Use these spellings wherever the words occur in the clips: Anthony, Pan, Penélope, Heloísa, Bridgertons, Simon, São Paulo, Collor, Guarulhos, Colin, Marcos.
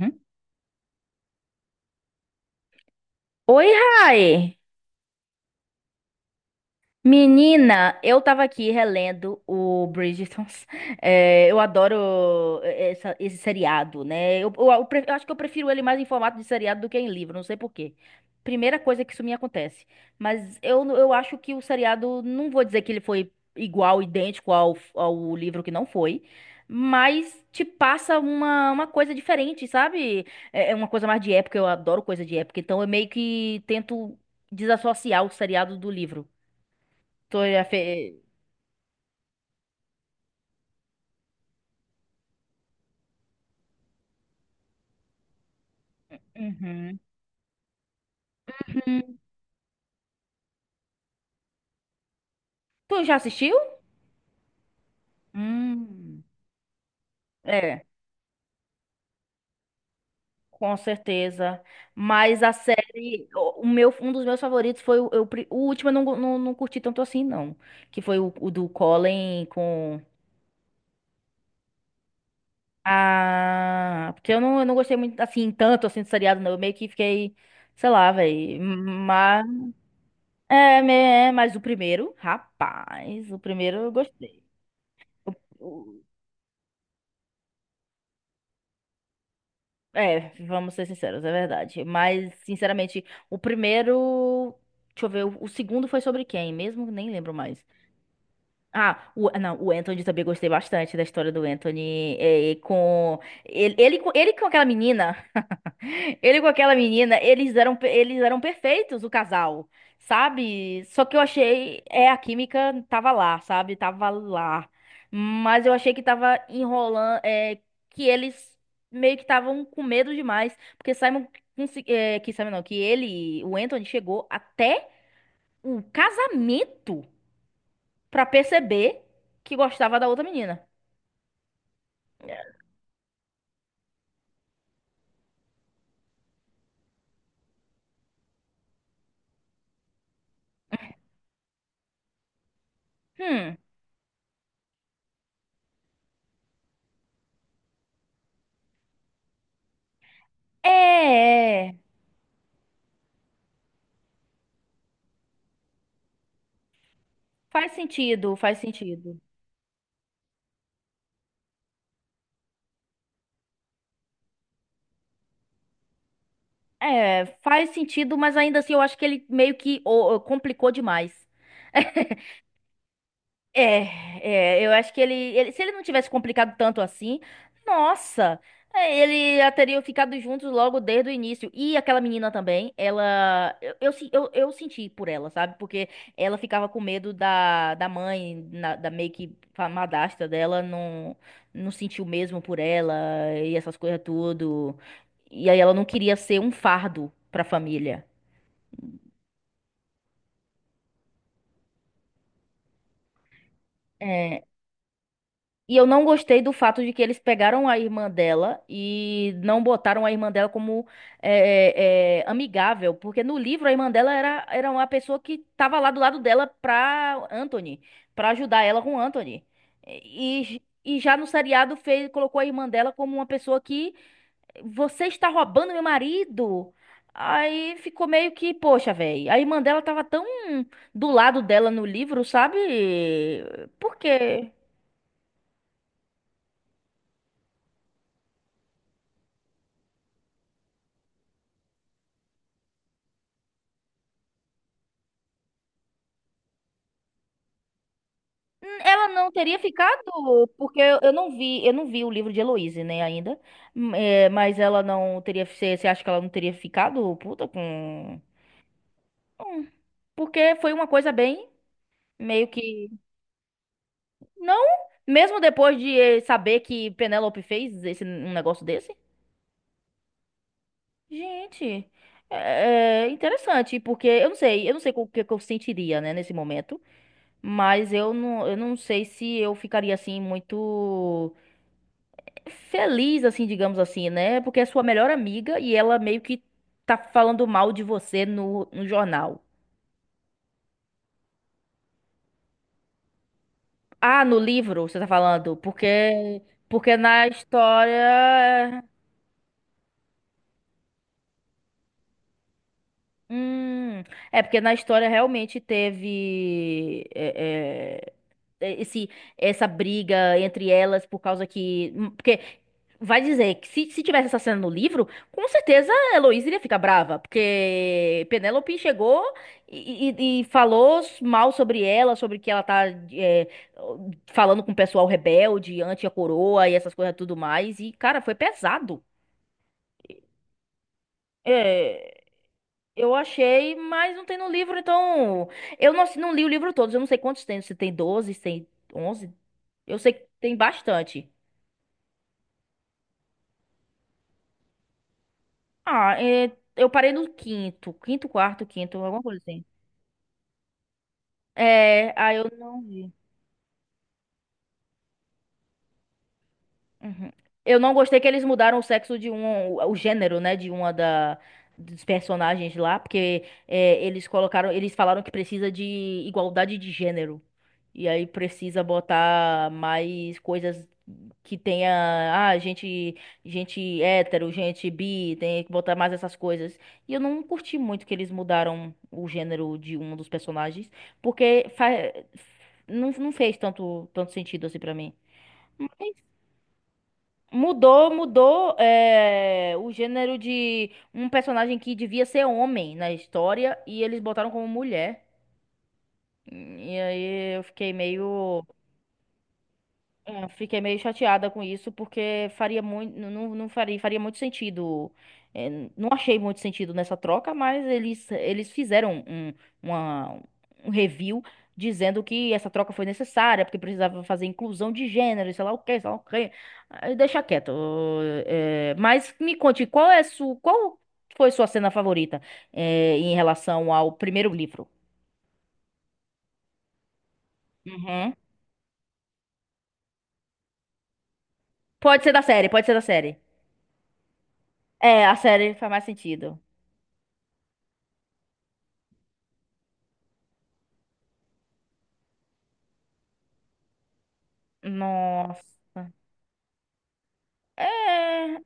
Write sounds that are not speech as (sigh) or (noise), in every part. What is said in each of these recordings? Uhum. Oi, Rai! Menina, eu tava aqui relendo o Bridgertons. (laughs) É, eu adoro esse seriado, né? Eu acho que eu prefiro ele mais em formato de seriado do que em livro, não sei por quê. Primeira coisa que isso me acontece. Mas eu acho que o seriado, não vou dizer que ele foi igual, idêntico ao livro, que não foi. Mas te passa uma coisa diferente, sabe? É uma coisa mais de época, eu adoro coisa de época. Então eu meio que tento desassociar o seriado do livro. Tu já fez. Uhum. Hum. Tu já assistiu? Hum. É, com certeza. Mas a série, o meu, um dos meus favoritos foi o último, eu não, go- não curti tanto assim, não. Que foi o do Colin com. Ah, porque eu não gostei muito assim, tanto assim do seriado, não. Eu meio que fiquei, sei lá, velho. Mas, é, me- mas o primeiro, rapaz, o primeiro eu gostei. É, vamos ser sinceros, é verdade. Mas, sinceramente, o primeiro. Deixa eu ver, o segundo foi sobre quem mesmo? Nem lembro mais. Ah, o, não, o Anthony também gostei bastante da história do Anthony. É, com, ele, ele com aquela menina. Ele com aquela menina, eles eram perfeitos, o casal, sabe? Só que eu achei, a química tava lá, sabe? Tava lá. Mas eu achei que tava enrolando, que eles meio que estavam com medo demais, porque que Simon não, que ele, o Anthony chegou até o casamento pra perceber que gostava da outra menina. Hum, é, é. É. Faz sentido, faz sentido. É, faz sentido, mas ainda assim eu acho que ele meio que complicou demais. (laughs) É, é, eu acho que ele, se ele não tivesse complicado tanto assim, nossa, ele já teriam ficado juntos logo desde o início. E aquela menina também, ela, eu, se- eu senti por ela, sabe? Porque ela ficava com medo da mãe, da meio que madrasta dela, não, não sentiu mesmo por ela e essas coisas tudo. E aí ela não queria ser um fardo pra família. É. E eu não gostei do fato de que eles pegaram a irmã dela e não botaram a irmã dela como amigável, porque no livro a irmã dela era uma pessoa que tava lá do lado dela pra Anthony, pra ajudar ela com Anthony. E já no seriado fez, colocou a irmã dela como uma pessoa que você está roubando meu marido. Aí ficou meio que, poxa, velho, a irmã dela tava tão do lado dela no livro, sabe? Por quê? Ela não teria ficado, porque eu não vi, eu não vi o livro de Heloise, né, ainda. É, mas ela não teria. Você acha que ela não teria ficado puta com. Hum, porque foi uma coisa bem meio que. Não, mesmo depois de saber que Penélope fez esse, um negócio desse. Gente, é interessante, porque eu não sei o que que eu sentiria, né, nesse momento. Mas eu não sei se eu ficaria assim muito, feliz, assim, digamos assim, né? Porque é sua melhor amiga e ela meio que tá falando mal de você no jornal. Ah, no livro, você tá falando? Porque, porque na história. Hum, é porque na história realmente teve. É, esse, essa briga entre elas por causa que. Porque vai dizer que se tivesse essa cena no livro, com certeza a Heloísa iria ficar brava. Porque Penélope chegou e falou mal sobre ela, sobre que ela tá é, falando com o pessoal rebelde, anti a coroa e essas coisas tudo mais. E, cara, foi pesado. É, eu achei, mas não tem no livro, então. Eu não, não li o livro todo, eu não sei quantos tem, se tem 12 se tem 11. Eu sei que tem bastante. Ah, é, eu parei no quinto. Quinto, quarto, quinto, alguma coisa assim. É, aí eu não vi. Uhum. Eu não gostei que eles mudaram o sexo de um, o gênero, né, de uma da dos personagens lá, porque eles colocaram, eles falaram que precisa de igualdade de gênero. E aí precisa botar mais coisas que tenha, ah, gente, gente hétero, gente bi, tem que botar mais essas coisas. E eu não curti muito que eles mudaram o gênero de um dos personagens, porque não, não fez tanto sentido assim pra mim. Mudou o gênero de um personagem que devia ser homem na história e eles botaram como mulher. E aí eu fiquei meio. É, fiquei meio chateada com isso, porque faria muito, não, não faria, faria muito sentido. é, não achei muito sentido nessa troca, mas eles fizeram uma- um review dizendo que essa troca foi necessária, porque precisava fazer inclusão de gênero, e sei lá o quê, sei lá o quê. Aí deixa quieto. Mas me conte, qual foi sua cena favorita, em relação ao primeiro livro? Uhum. Pode ser da série, pode ser da série. É, a série faz mais sentido. Nossa. É.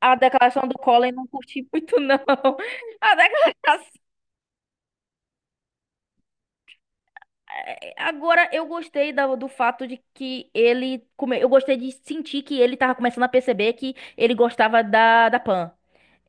A declaração do Collor eu não curti muito, não. (laughs) A declaração. Agora, eu gostei do fato de que ele. Eu gostei de sentir que ele tava começando a perceber que ele gostava da Pan.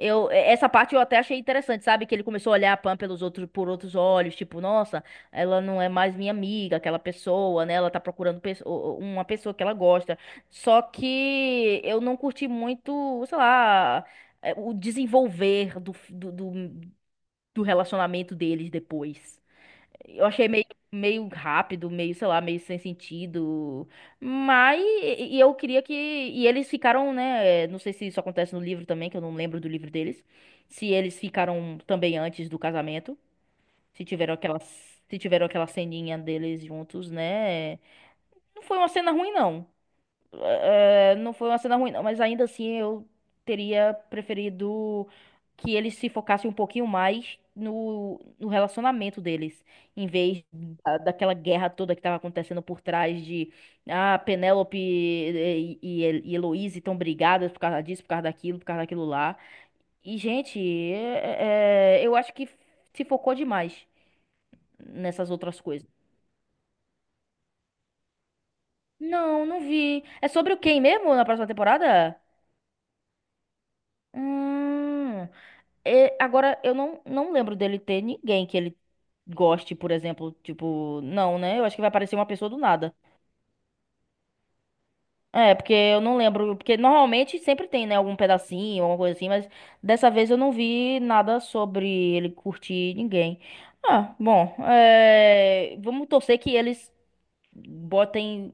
Essa parte eu até achei interessante, sabe? Que ele começou a olhar a Pam pelos outros, por outros olhos, tipo, nossa, ela não é mais minha amiga, aquela pessoa, né? Ela tá procurando uma pessoa que ela gosta. Só que eu não curti muito, sei lá, o desenvolver do relacionamento deles depois. Eu achei meio rápido, meio, sei lá, meio sem sentido. Mas e eu queria que. E eles ficaram, né? Não sei se isso acontece no livro também, que eu não lembro do livro deles. Se eles ficaram também antes do casamento. Se tiveram aquela ceninha deles juntos, né? Não foi uma cena ruim, não. É, não foi uma cena ruim, não, mas ainda assim eu teria preferido que eles se focassem um pouquinho mais no relacionamento deles, em vez daquela guerra toda que tava acontecendo por trás de ah, Penélope e Heloísa estão brigadas por causa disso, por causa daquilo lá. E, gente, eu acho que se focou demais nessas outras coisas. Não, não vi. É sobre o quem mesmo na próxima temporada? Hum. É, agora, eu não, não lembro dele ter ninguém que ele goste, por exemplo. Tipo, não, né? Eu acho que vai aparecer uma pessoa do nada. É, porque eu não lembro. Porque normalmente sempre tem, né? Algum pedacinho, alguma coisa assim. Mas dessa vez eu não vi nada sobre ele curtir ninguém. Ah, bom. Vamos torcer que eles botem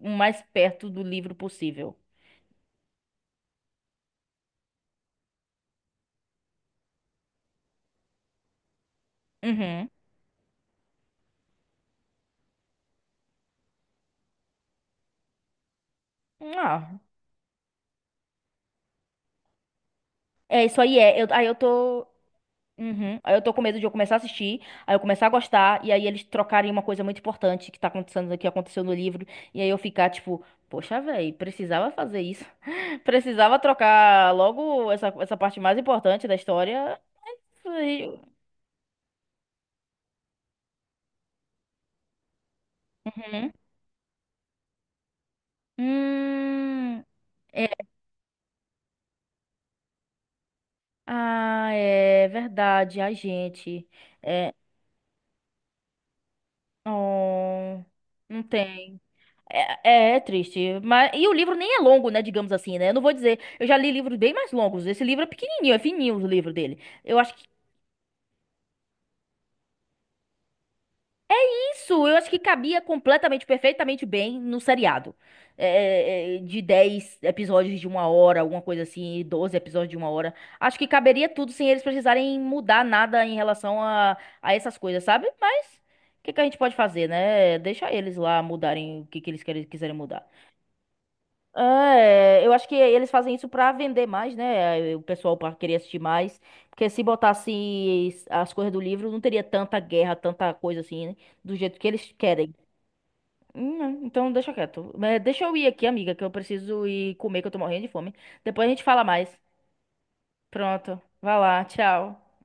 o mais perto do livro possível. Uhum. Ah, é isso aí. É. Aí eu tô. Uhum. Aí eu tô com medo de eu começar a assistir, aí eu começar a gostar, e aí eles trocarem uma coisa muito importante que tá acontecendo, que aconteceu no livro, e aí eu ficar tipo, poxa, velho, precisava fazer isso. (laughs) Precisava trocar logo essa parte mais importante da história. Foi- Uhum. Hum, é. Ah, é verdade, a gente. É. Oh, não tem. É, é triste, mas e o livro nem é longo, né, digamos assim, né? Eu não vou dizer, eu já li livros bem mais longos. Esse livro é pequenininho, é fininho o livro dele. Eu acho que isso, eu acho que cabia completamente, perfeitamente bem no seriado. É, é, de 10 episódios de uma hora, alguma coisa assim, 12 episódios de uma hora. Acho que caberia tudo sem eles precisarem mudar nada em relação a essas coisas, sabe? Mas o que que a gente pode fazer, né? Deixa eles lá mudarem o que que eles quiserem mudar. É, eu acho que eles fazem isso pra vender mais, né? O pessoal para querer assistir mais, porque se botasse as coisas do livro, não teria tanta guerra, tanta coisa assim, né? Do jeito que eles querem. Não, então deixa quieto. Mas deixa eu ir aqui, amiga, que eu preciso ir comer, que eu tô morrendo de fome. Depois a gente fala mais. Pronto. Vai lá, tchau.